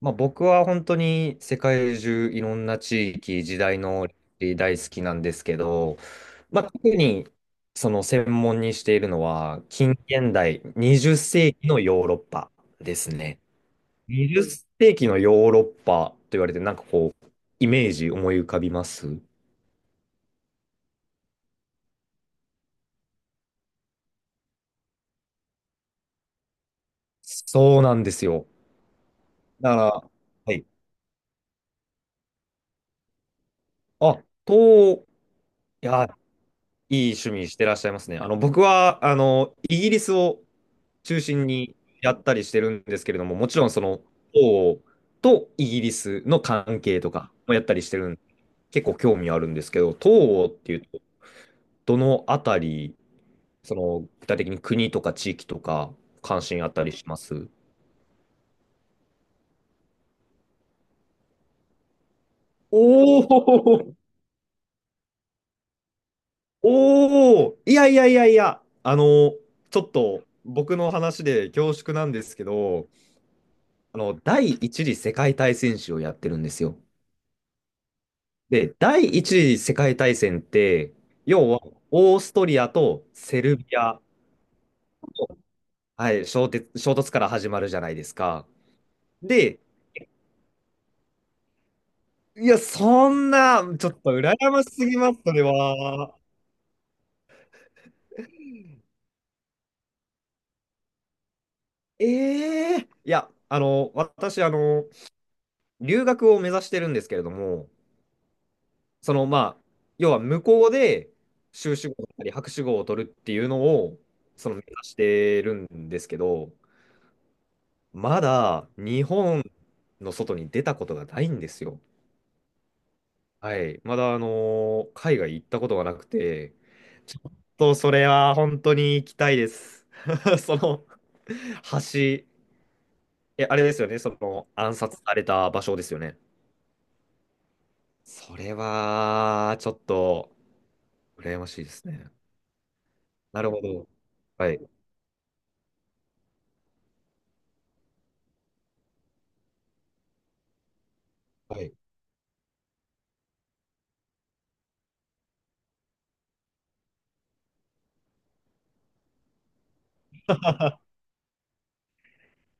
まあ、僕は本当に世界中いろんな地域、時代の歴史大好きなんですけど、まあ、特にその専門にしているのは近現代20世紀のヨーロッパですね。20世紀のヨーロッパと言われてなんかこうイメージ思い浮かびます？そうなんですよ。だから、はい。あ、いや、いい趣味してらっしゃいますね。僕は、イギリスを中心にやったりしてるんですけれども、もちろんその、王とイギリスの関係とかもやったりしてるんで、結構興味あるんですけど、東欧っていうと、どのあたり、その、具体的に国とか地域とか、関心あったりします？おお、おお、いやいやいやいや、ちょっと僕の話で恐縮なんですけど、第一次世界大戦史をやってるんですよ。で、第一次世界大戦って、要はオーストリアとセルビア、はい、衝突から始まるじゃないですか。で、いや、そんな、ちょっと羨ましすぎます、それは。ええいや、私、留学を目指してるんですけれども、その、まあ、要は向こうで修士号だったり博士号を取るっていうのを、その目指してるんですけど、まだ日本の外に出たことがないんですよ。はい。まだ、海外行ったことがなくて、ちょっとそれは本当に行きたいです。その橋、え、あれですよね。その暗殺された場所ですよね。それは、ちょっと、羨ましいですね。なるほど。はい。はい、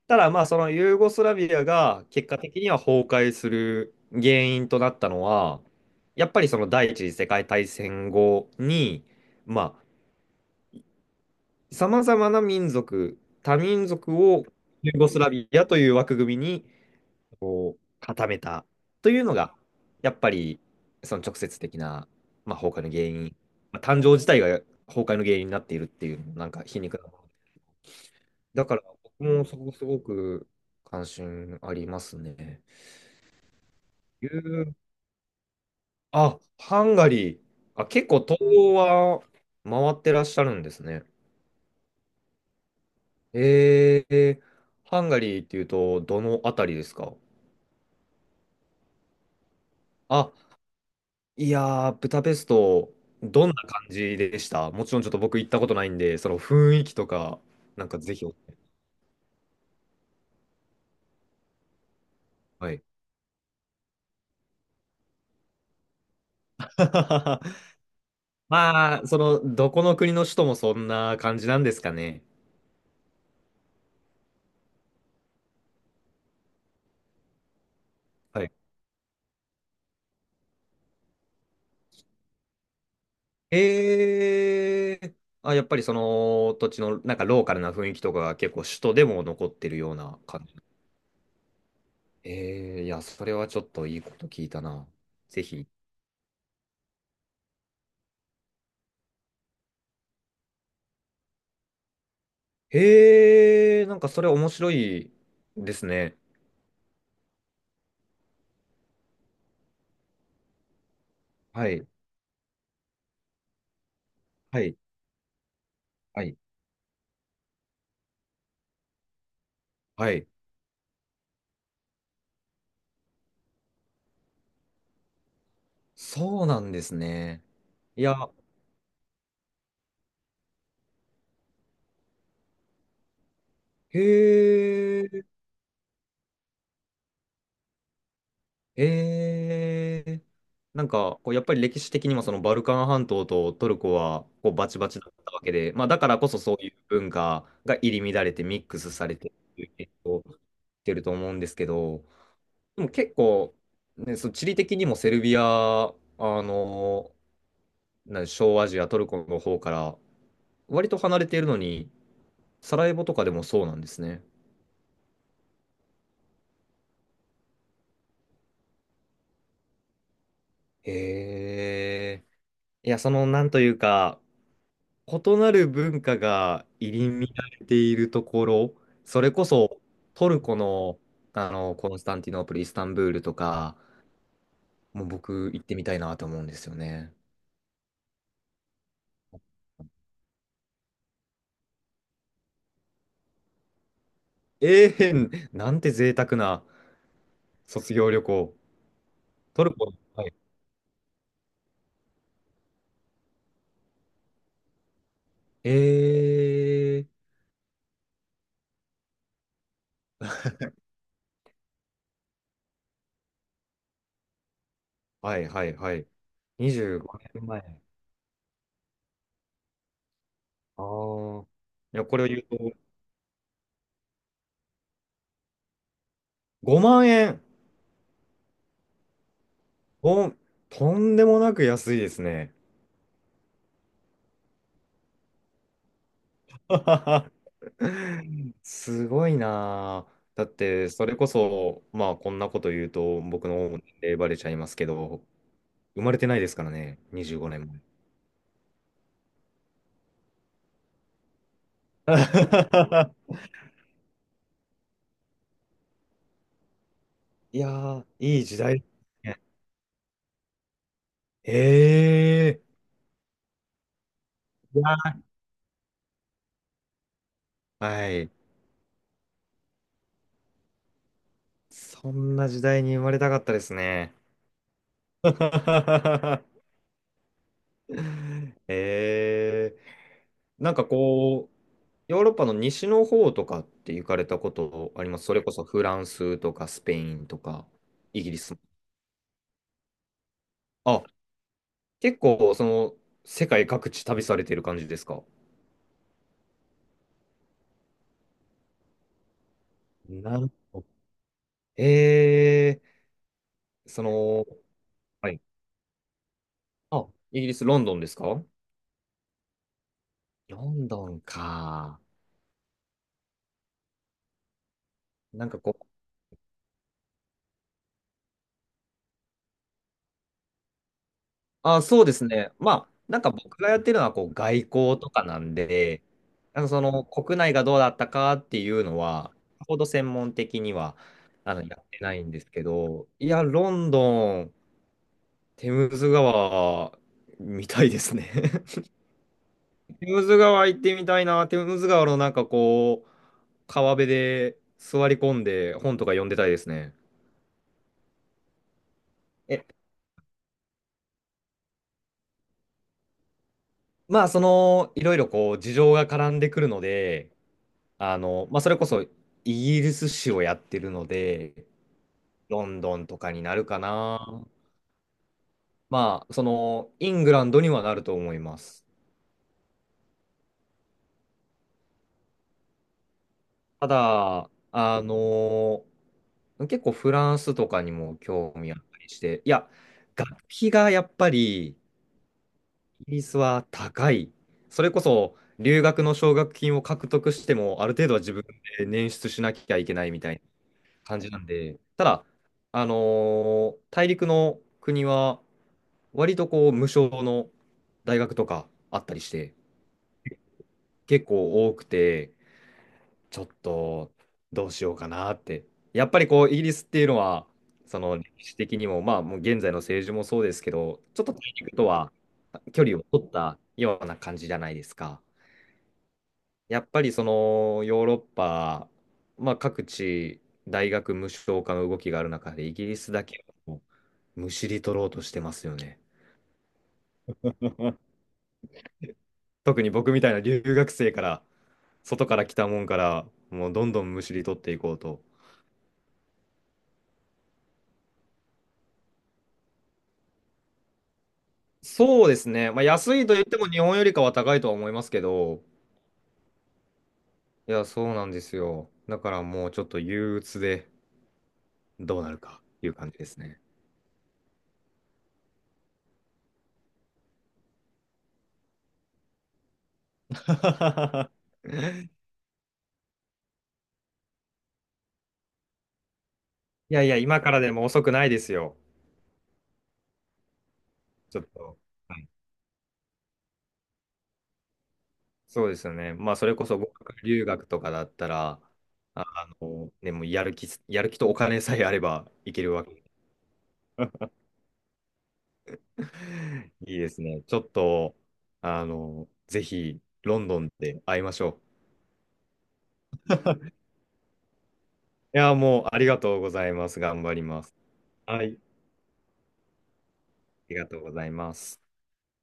ただまあそのユーゴスラビアが結果的には崩壊する原因となったのはやっぱりその第一次世界大戦後に、まあ、さまざまな民族多民族をユーゴスラビアという枠組みに固めたというのが、やっぱりその直接的な、まあ、崩壊の原因、まあ、誕生自体が崩壊の原因になっているっていう、なんか皮肉なものだから、僕もそこすごく関心ありますね。ユーあ、ハンガリー。あ、結構東欧は回ってらっしゃるんですね。えー、ハンガリーっていうと、どのあたりですか？あ、いやー、ブダペスト、どんな感じでした？もちろんちょっと僕行ったことないんで、その雰囲気とか、なんかぜひお、はい。まあ、その、どこの国の首都もそんな感じなんですかね。はい。えー、あ、やっぱりその土地のなんかローカルな雰囲気とかが結構首都でも残ってるような感じ。ええいや、それはちょっといいこと聞いたな。ぜひ。ええ、なんかそれ面白いですね。はい、はい、はい、はい。そうなんですね。いや、へえ、ええ、なんか、こうやっぱり歴史的にもそのバルカン半島とトルコはこうバチバチだったわけで、まあだからこそそういう文化が入り乱れてミックスされてっていう影響を受けてると思うんですけど、でも結構、ね、その地理的にもセルビア、あの、な、小アジア、トルコの方から割と離れているのに、サラエボとかでもそうなんですね。へえ。いや、その、なんというか、異なる文化が入り乱れているところ、それこそトルコの、コンスタンティノープル、イスタンブールとか、もう僕行ってみたいなと思うんですよね。ええ、なんて贅沢な卒業旅行。トルコ。ええ、はいはいはい。25年前。ああ。いや、これを言うと、5万円。お、とんでもなく安いですね。すごいなあ。だって、それこそ、まあ、こんなこと言うと、僕の方も年齢バレちゃいますけど、生まれてないですからね、25年前。いやー、いい時代ですね。ええ、いや、はい。そんな時代に生まれたかったですね。えー、なんかこう、ヨーロッパの西の方とかって行かれたことあります？それこそフランスとかスペインとかイギリスも。あ、結構その世界各地旅されてる感じですか？なるほど。えー、その、はい。あ、イギリス、ロンドンですか？ロンドンか。なんかこう、あ、そうですね。まあ、なんか僕がやってるのはこう外交とかなんで、なんかその国内がどうだったかっていうのは、さほど専門的にはやってないんですけど、いや、ロンドン、テムズ川みたいですね。テムズ川行ってみたいな。テムズ川のなんかこう、川辺で座り込んで本とか読んでたいですね。え、まあそのいろいろこう事情が絡んでくるので、まあ、それこそイギリス史をやってるので、ロンドンとかになるかな。まあ、その、イングランドにはなると思います。ただ、結構フランスとかにも興味あったりして、いや、学費がやっぱりイギリスは高い。それこそ留学の奨学金を獲得しても、ある程度は自分で捻出しなきゃいけないみたいな感じなんで、ただ、あの大陸の国は割とこう無償の大学とかあったりして結構多くて、ちょっとどうしようかなって。やっぱりこうイギリスっていうのは、その歴史的にも、まあ、もう現在の政治もそうですけど、ちょっと大陸とは距離を取ったような感じじゃないですか。やっぱりそのヨーロッパ、まあ各地、大学無償化の動きがある中でイギリスだけをむしり取ろうとしてますよね。 特に僕みたいな留学生から、外から来たもんから、もうどんどんむしり取っていこうと。そうですね。まあ、安いと言っても日本よりかは高いとは思いますけど、いや、そうなんですよ。だからもうちょっと憂鬱で、どうなるかっていう感じですね。いやいや、今からでも遅くないですよ。ちょっと。はい、そうですよね。まあ、それこそ語学留学とかだったら、ね、もうやる気とお金さえあればいけるわけ。いいですね。ちょっと、ぜひ、ロンドンで会いましょう。いや、もう、ありがとうございます。頑張ります。はい。ありがとうございます。